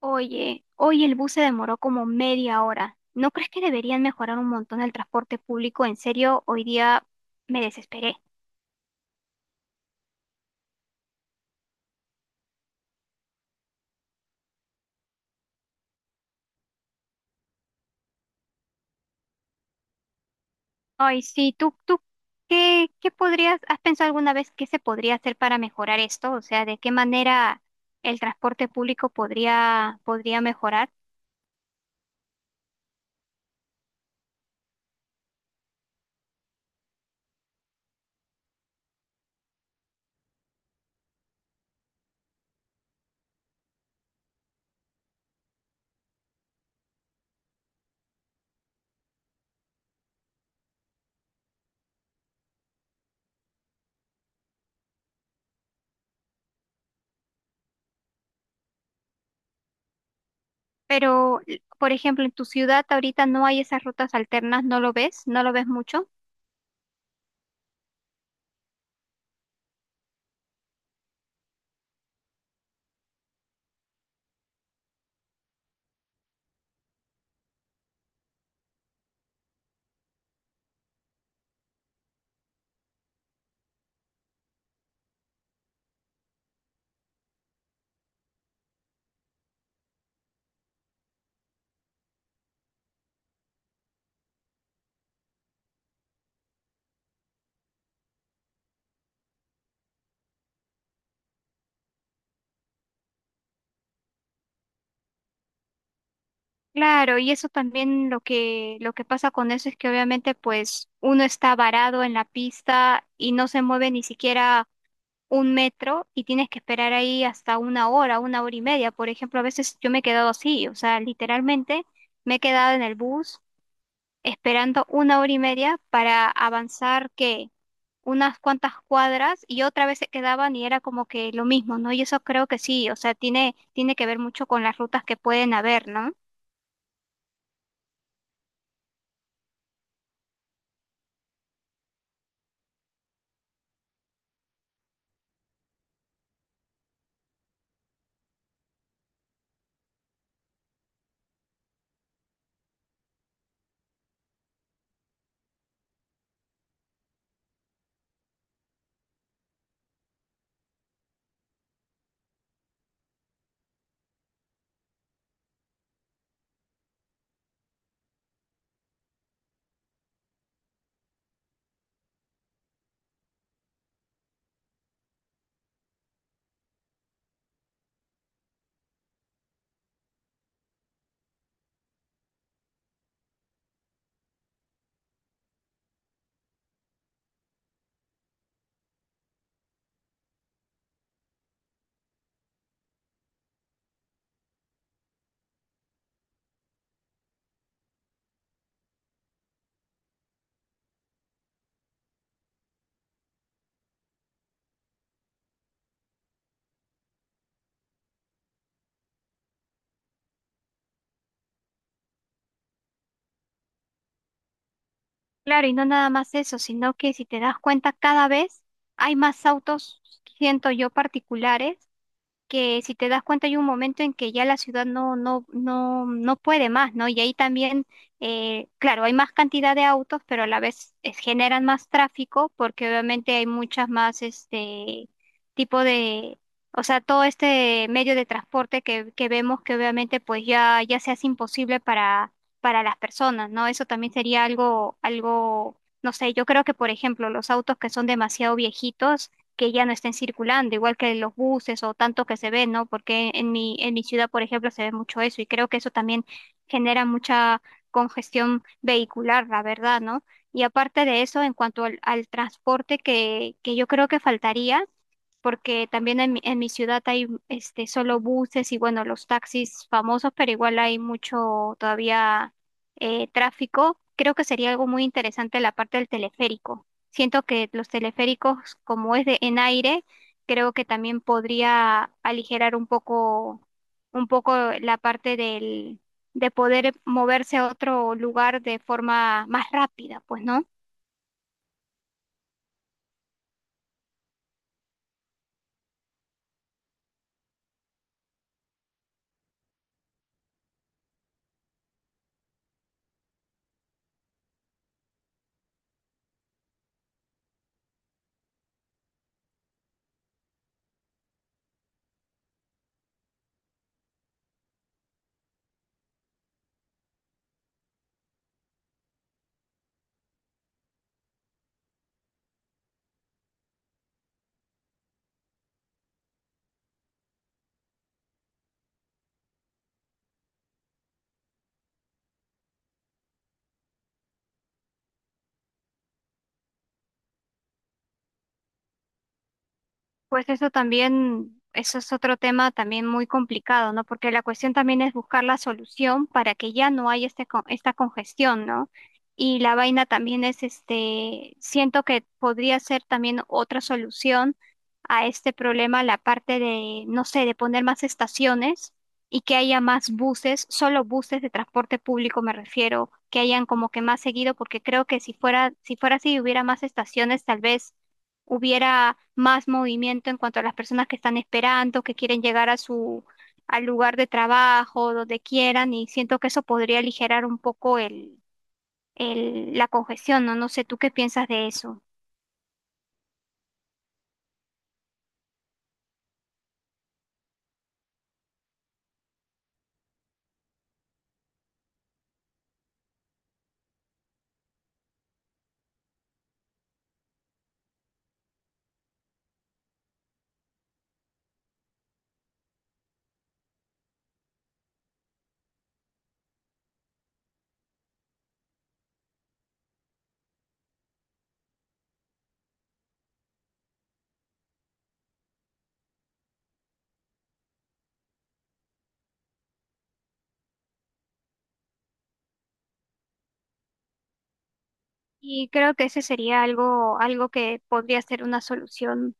Oye, hoy el bus se demoró como media hora. ¿No crees que deberían mejorar un montón el transporte público? En serio, hoy día me desesperé. Ay, sí, tú, has pensado alguna vez qué se podría hacer para mejorar esto? O sea, ¿de qué manera el transporte público podría mejorar? Pero, por ejemplo, en tu ciudad ahorita no hay esas rutas alternas, ¿no lo ves? ¿No lo ves mucho? Claro, y eso también lo que pasa con eso es que obviamente pues uno está varado en la pista y no se mueve ni siquiera un metro y tienes que esperar ahí hasta una hora y media. Por ejemplo, a veces yo me he quedado así, o sea, literalmente me he quedado en el bus esperando una hora y media para avanzar que unas cuantas cuadras y otra vez se quedaban y era como que lo mismo, ¿no? Y eso creo que sí, o sea, tiene que ver mucho con las rutas que pueden haber, ¿no? Claro, y no nada más eso, sino que si te das cuenta, cada vez hay más autos, siento yo, particulares que si te das cuenta hay un momento en que ya la ciudad no puede más, ¿no? Y ahí también, claro, hay más cantidad de autos, pero a la vez generan más tráfico porque obviamente hay muchas más, tipo de, o sea, todo este medio de transporte que vemos que obviamente pues ya se hace imposible para las personas, ¿no? Eso también sería algo, algo, no sé, yo creo que por ejemplo los autos que son demasiado viejitos, que ya no estén circulando, igual que los buses o tanto que se ven, ¿no? Porque en mi ciudad, por ejemplo, se ve mucho eso y creo que eso también genera mucha congestión vehicular, la verdad, ¿no? Y aparte de eso, en cuanto al transporte que yo creo que faltaría, porque también en mi ciudad hay este, solo buses y bueno, los taxis famosos, pero igual hay mucho todavía tráfico. Creo que sería algo muy interesante la parte del teleférico. Siento que los teleféricos, como es de en aire, creo que también podría aligerar un poco la parte del, de poder moverse a otro lugar de forma más rápida, pues, ¿no? Pues eso también, eso es otro tema también muy complicado, ¿no? Porque la cuestión también es buscar la solución para que ya no haya este, esta congestión, ¿no? Y la vaina también es, este, siento que podría ser también otra solución a este problema, la parte de, no sé, de poner más estaciones y que haya más buses, solo buses de transporte público me refiero, que hayan como que más seguido, porque creo que si fuera así, hubiera más estaciones, tal vez hubiera más movimiento en cuanto a las personas que están esperando, que quieren llegar a su al lugar de trabajo, donde quieran, y siento que eso podría aligerar un poco la congestión, ¿no? No sé, ¿tú qué piensas de eso? Y creo que ese sería algo, algo que podría ser una solución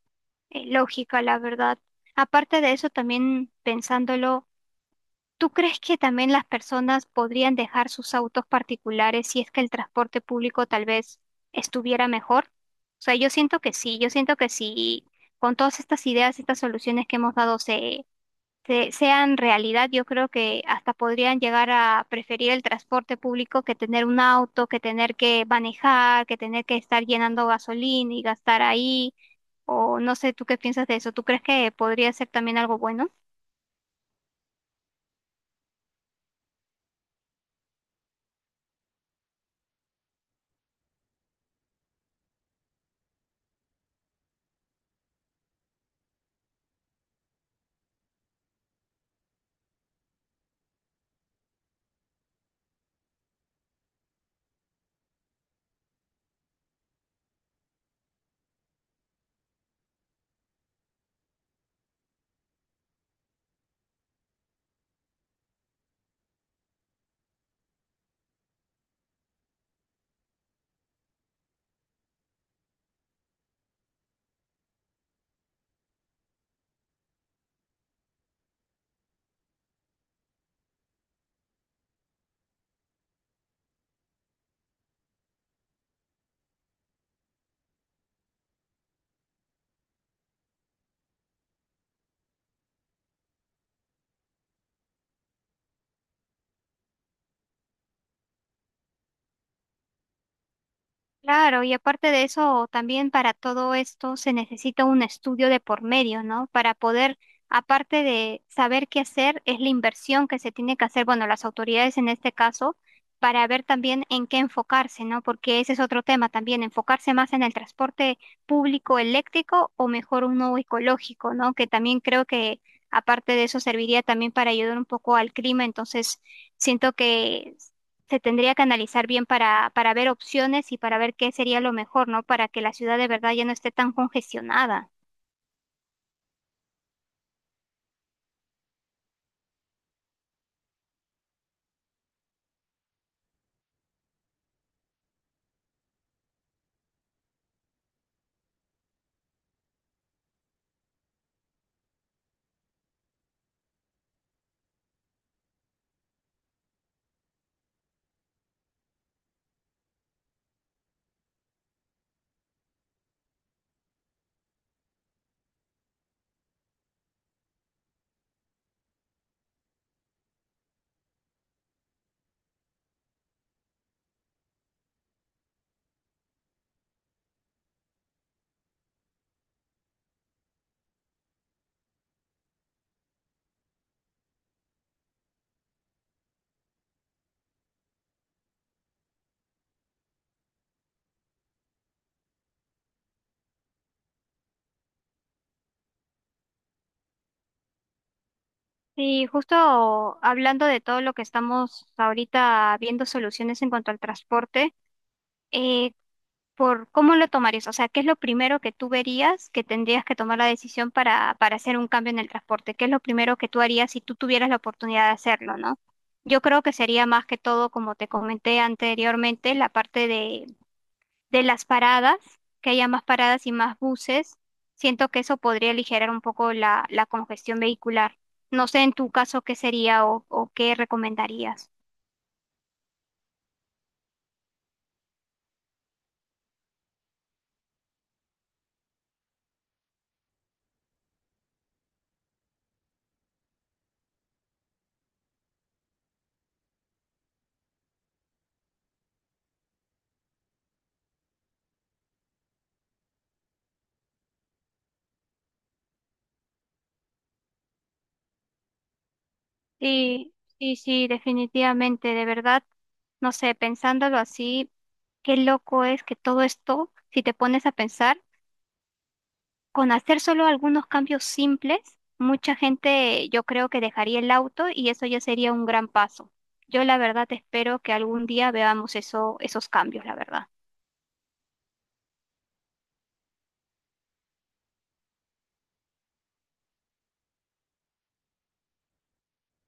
lógica, la verdad. Aparte de eso, también pensándolo, ¿tú crees que también las personas podrían dejar sus autos particulares si es que el transporte público tal vez estuviera mejor? O sea, yo siento que sí, yo siento que sí, con todas estas ideas, estas soluciones que hemos dado sean realidad, yo creo que hasta podrían llegar a preferir el transporte público que tener un auto, que tener que manejar, que tener que estar llenando gasolina y gastar ahí, o no sé, ¿tú qué piensas de eso? ¿Tú crees que podría ser también algo bueno? Claro, y aparte de eso, también para todo esto se necesita un estudio de por medio, ¿no? Para poder, aparte de saber qué hacer, es la inversión que se tiene que hacer, bueno, las autoridades en este caso, para ver también en qué enfocarse, ¿no? Porque ese es otro tema también, enfocarse más en el transporte público eléctrico o mejor uno ecológico, ¿no? Que también creo que aparte de eso serviría también para ayudar un poco al clima, entonces siento que se tendría que analizar bien para ver opciones y para ver qué sería lo mejor, ¿no? Para que la ciudad de verdad ya no esté tan congestionada. Y justo hablando de todo lo que estamos ahorita viendo soluciones en cuanto al transporte, eh, por cómo lo tomarías, o sea, ¿qué es lo primero que tú verías que tendrías que tomar la decisión para hacer un cambio en el transporte? ¿Qué es lo primero que tú harías si tú tuvieras la oportunidad de hacerlo, ¿no? Yo creo que sería más que todo, como te comenté anteriormente, la parte de las paradas, que haya más paradas y más buses. Siento que eso podría aligerar un poco la congestión vehicular. No sé en tu caso qué sería o qué recomendarías. Sí, sí, sí, definitivamente, de verdad. No sé, pensándolo así, qué loco es que todo esto, si te pones a pensar, con hacer solo algunos cambios simples, mucha gente yo creo que dejaría el auto y eso ya sería un gran paso. Yo la verdad espero que algún día veamos eso, esos cambios, la verdad.